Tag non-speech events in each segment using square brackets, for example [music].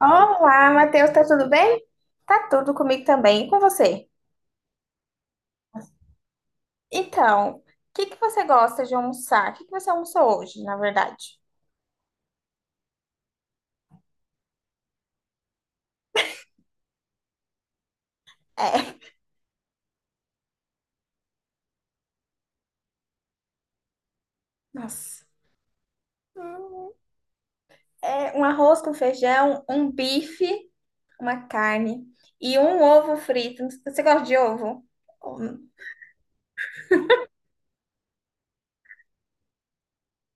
Olá, Matheus, tá tudo bem? Tá tudo comigo também, e com você? Então, o que que você gosta de almoçar? O que que você almoçou hoje, na verdade? É. [laughs] Nossa. Hum. É um arroz com feijão, um bife, uma carne e um ovo frito. Você gosta de ovo? Hum.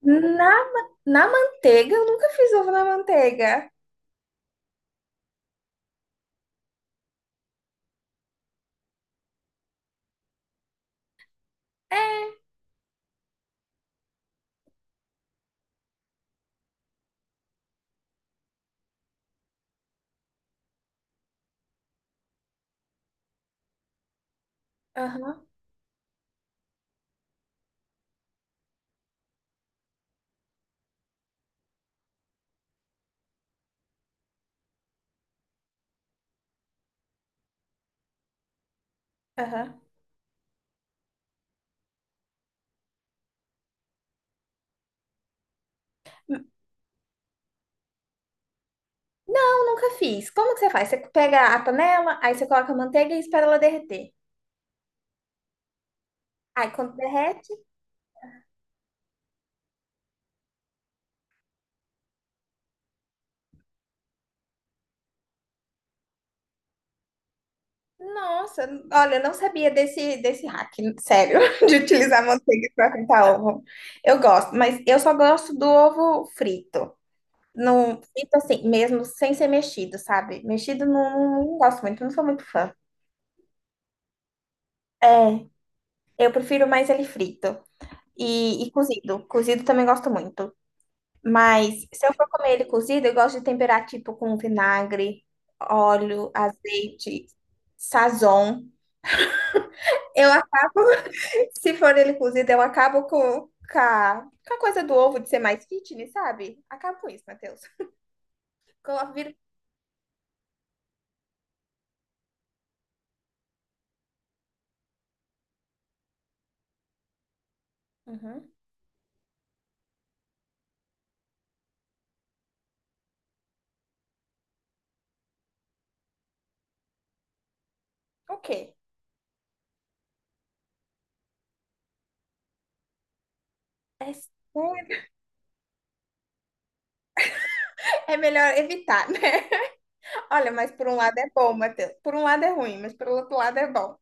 Na, na manteiga? Eu nunca fiz ovo na manteiga. É, aham. Aham. Não, nunca fiz. Como que você faz? Você pega a panela, aí você coloca a manteiga e espera ela derreter. Aí quando derrete, nossa, olha, eu não sabia desse hack, sério. [laughs] De utilizar manteiga para fritar ovo. Eu gosto, mas eu só gosto do ovo frito. Não, frito assim, mesmo sem ser mexido, sabe? Mexido não, não gosto muito, não sou muito fã. É, eu prefiro mais ele frito. E cozido. Cozido também gosto muito. Mas se eu for comer ele cozido, eu gosto de temperar tipo com vinagre, óleo, azeite, sazon. Eu acabo, [laughs] se for ele cozido, eu acabo com com a coisa do ovo de ser mais fitness, sabe? Acabo com isso, Matheus. Coloco, viro. Uhum. Ok. É sério. É melhor evitar, né? [laughs] Olha, mas por um lado é bom, Matheus. Por um lado é ruim, mas por outro lado é bom.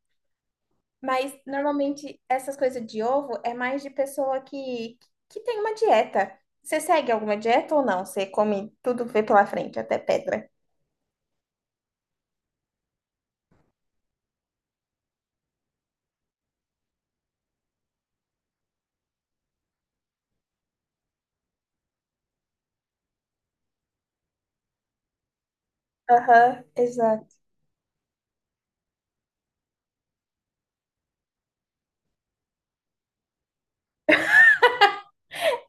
Mas normalmente essas coisas de ovo é mais de pessoa que tem uma dieta. Você segue alguma dieta ou não? Você come tudo que vê pela frente, até pedra. Aham, exato.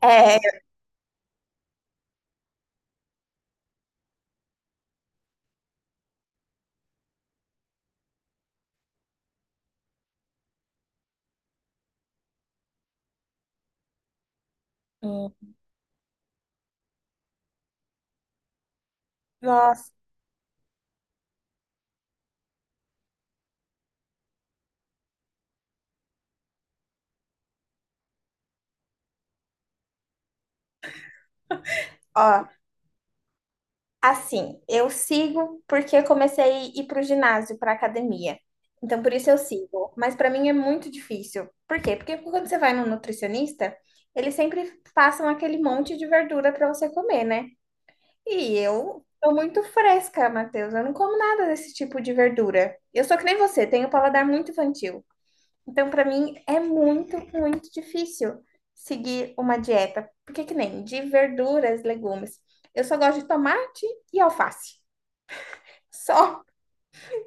É. Hum. Nossa. Ó, assim, eu sigo porque comecei a ir pro ginásio, pra academia. Então, por isso eu sigo. Mas pra mim é muito difícil. Por quê? Porque quando você vai no nutricionista, eles sempre passam aquele monte de verdura pra você comer, né? E eu sou muito fresca, Matheus. Eu não como nada desse tipo de verdura. Eu sou que nem você, tenho paladar muito infantil. Então, para mim, é muito, muito difícil seguir uma dieta. Porque que nem de verduras, legumes. Eu só gosto de tomate e alface. Só.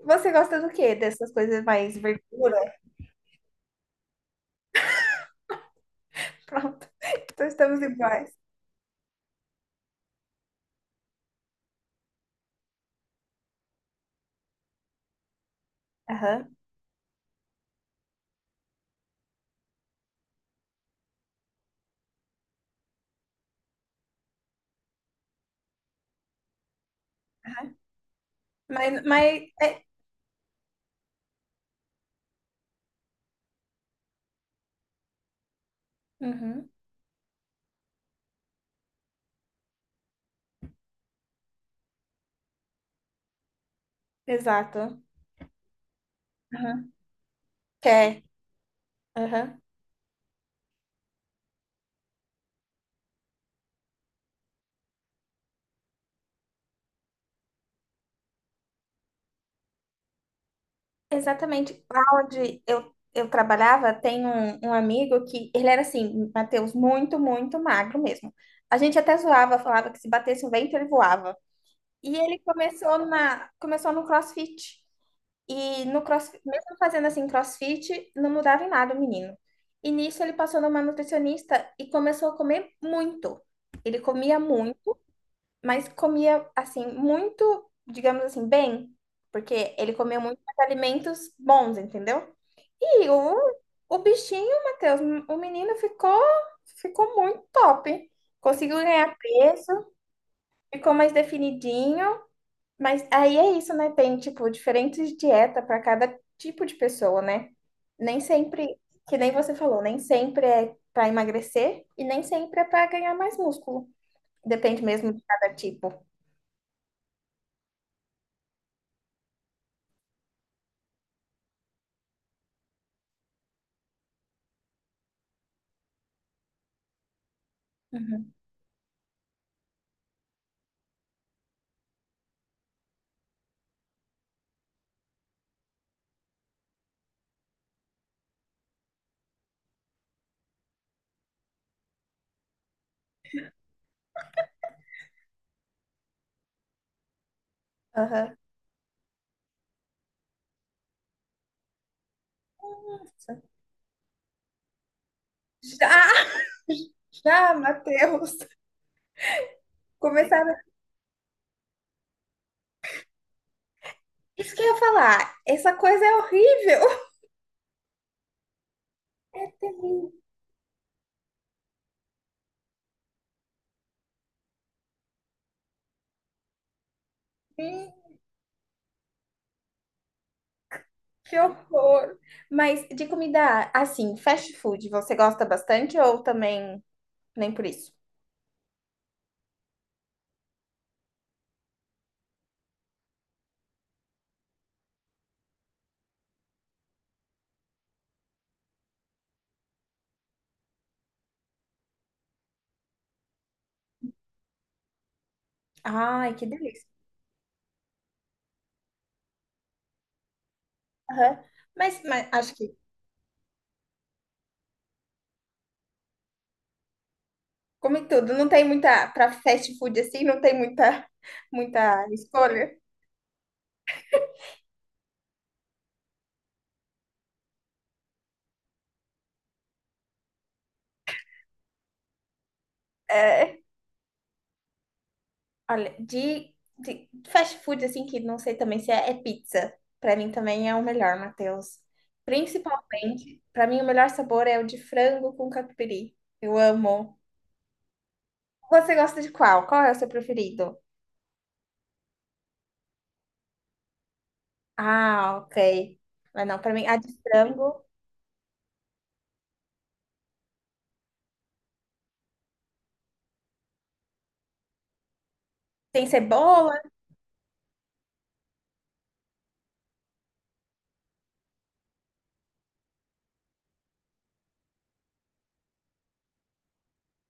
Você gosta do quê? Dessas coisas mais verdura? Pronto. [laughs] Então estamos iguais. Aham. Aham. Mas é... Uhum, exato. Aham. Quer. Aham. Exatamente. Onde eu trabalhava, tem um, um amigo que ele era assim, Matheus, muito, muito magro mesmo. A gente até zoava, falava que se batesse um vento ele voava. E ele começou começou no CrossFit. E no CrossFit, mesmo fazendo assim CrossFit, não mudava em nada o menino. E nisso ele passou numa nutricionista e começou a comer muito. Ele comia muito, mas comia assim muito, digamos assim, bem, porque ele comeu muitos alimentos bons, entendeu? E o bichinho, Matheus, o menino ficou, ficou muito top. Conseguiu ganhar peso, ficou mais definidinho. Mas aí é isso, né? Tem, tipo, diferentes dietas para cada tipo de pessoa, né? Nem sempre, que nem você falou, nem sempre é para emagrecer e nem sempre é para ganhar mais músculo. Depende mesmo de cada tipo. Uhum. Aham. Nossa. Já, [laughs] já, Matheus. Começaram. Isso que eu ia falar. Essa coisa é horrível. [laughs] É terrível. Que horror. Mas de comida, assim, fast food, você gosta bastante ou também nem por isso? Ai, que delícia. Aham. Mas acho que, come tudo, não tem muita, para fast food assim, não tem muita, muita escolha. É. Olha, de fast food, assim, que não sei também se é, é pizza. Pra mim também é o melhor, Matheus. Principalmente, pra mim o melhor sabor é o de frango com catupiry. Eu amo. Você gosta de qual? Qual é o seu preferido? Ah, ok. Mas não, pra mim, a de frango tem cebola.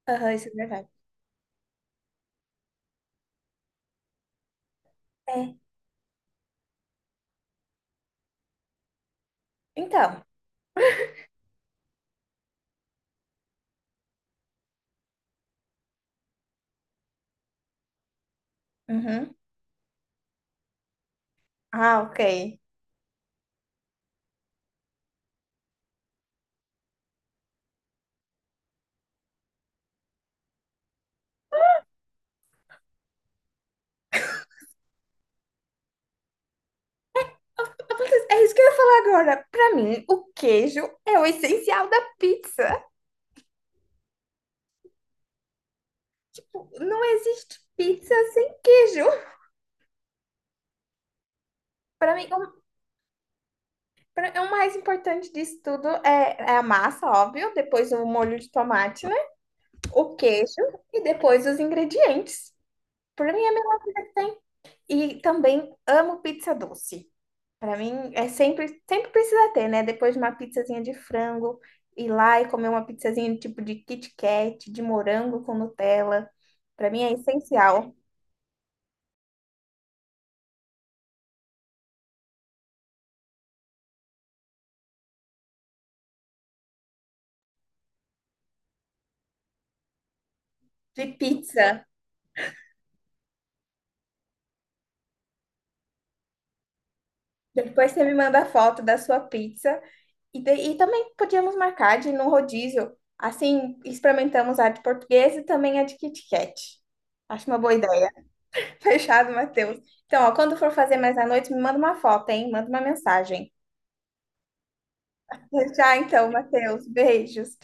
Aham, isso é verdade. É. Então. Uhum. Ah, ok. Matheus, é isso que eu ia falar agora. Pra mim, o queijo é o essencial da pizza. Não existe pizza sem queijo. Para mim, o, pra- é o mais importante disso tudo é, é a massa, óbvio, depois o molho de tomate, né? O queijo e depois os ingredientes. Para mim é a melhor coisa que tem. E também amo pizza doce. Para mim é sempre, sempre precisa ter, né? Depois de uma pizzazinha de frango, ir lá e comer uma pizzazinha tipo de Kit Kat, de morango com Nutella. Para mim é essencial. De pizza. Depois você me manda a foto da sua pizza. E, e também podíamos marcar de ir num rodízio. Assim, experimentamos a de português e também a de Kit Kat. Acho uma boa ideia. [laughs] Fechado, Matheus. Então, ó, quando for fazer mais à noite, me manda uma foto, hein? Manda uma mensagem. Já então, Matheus. Beijos.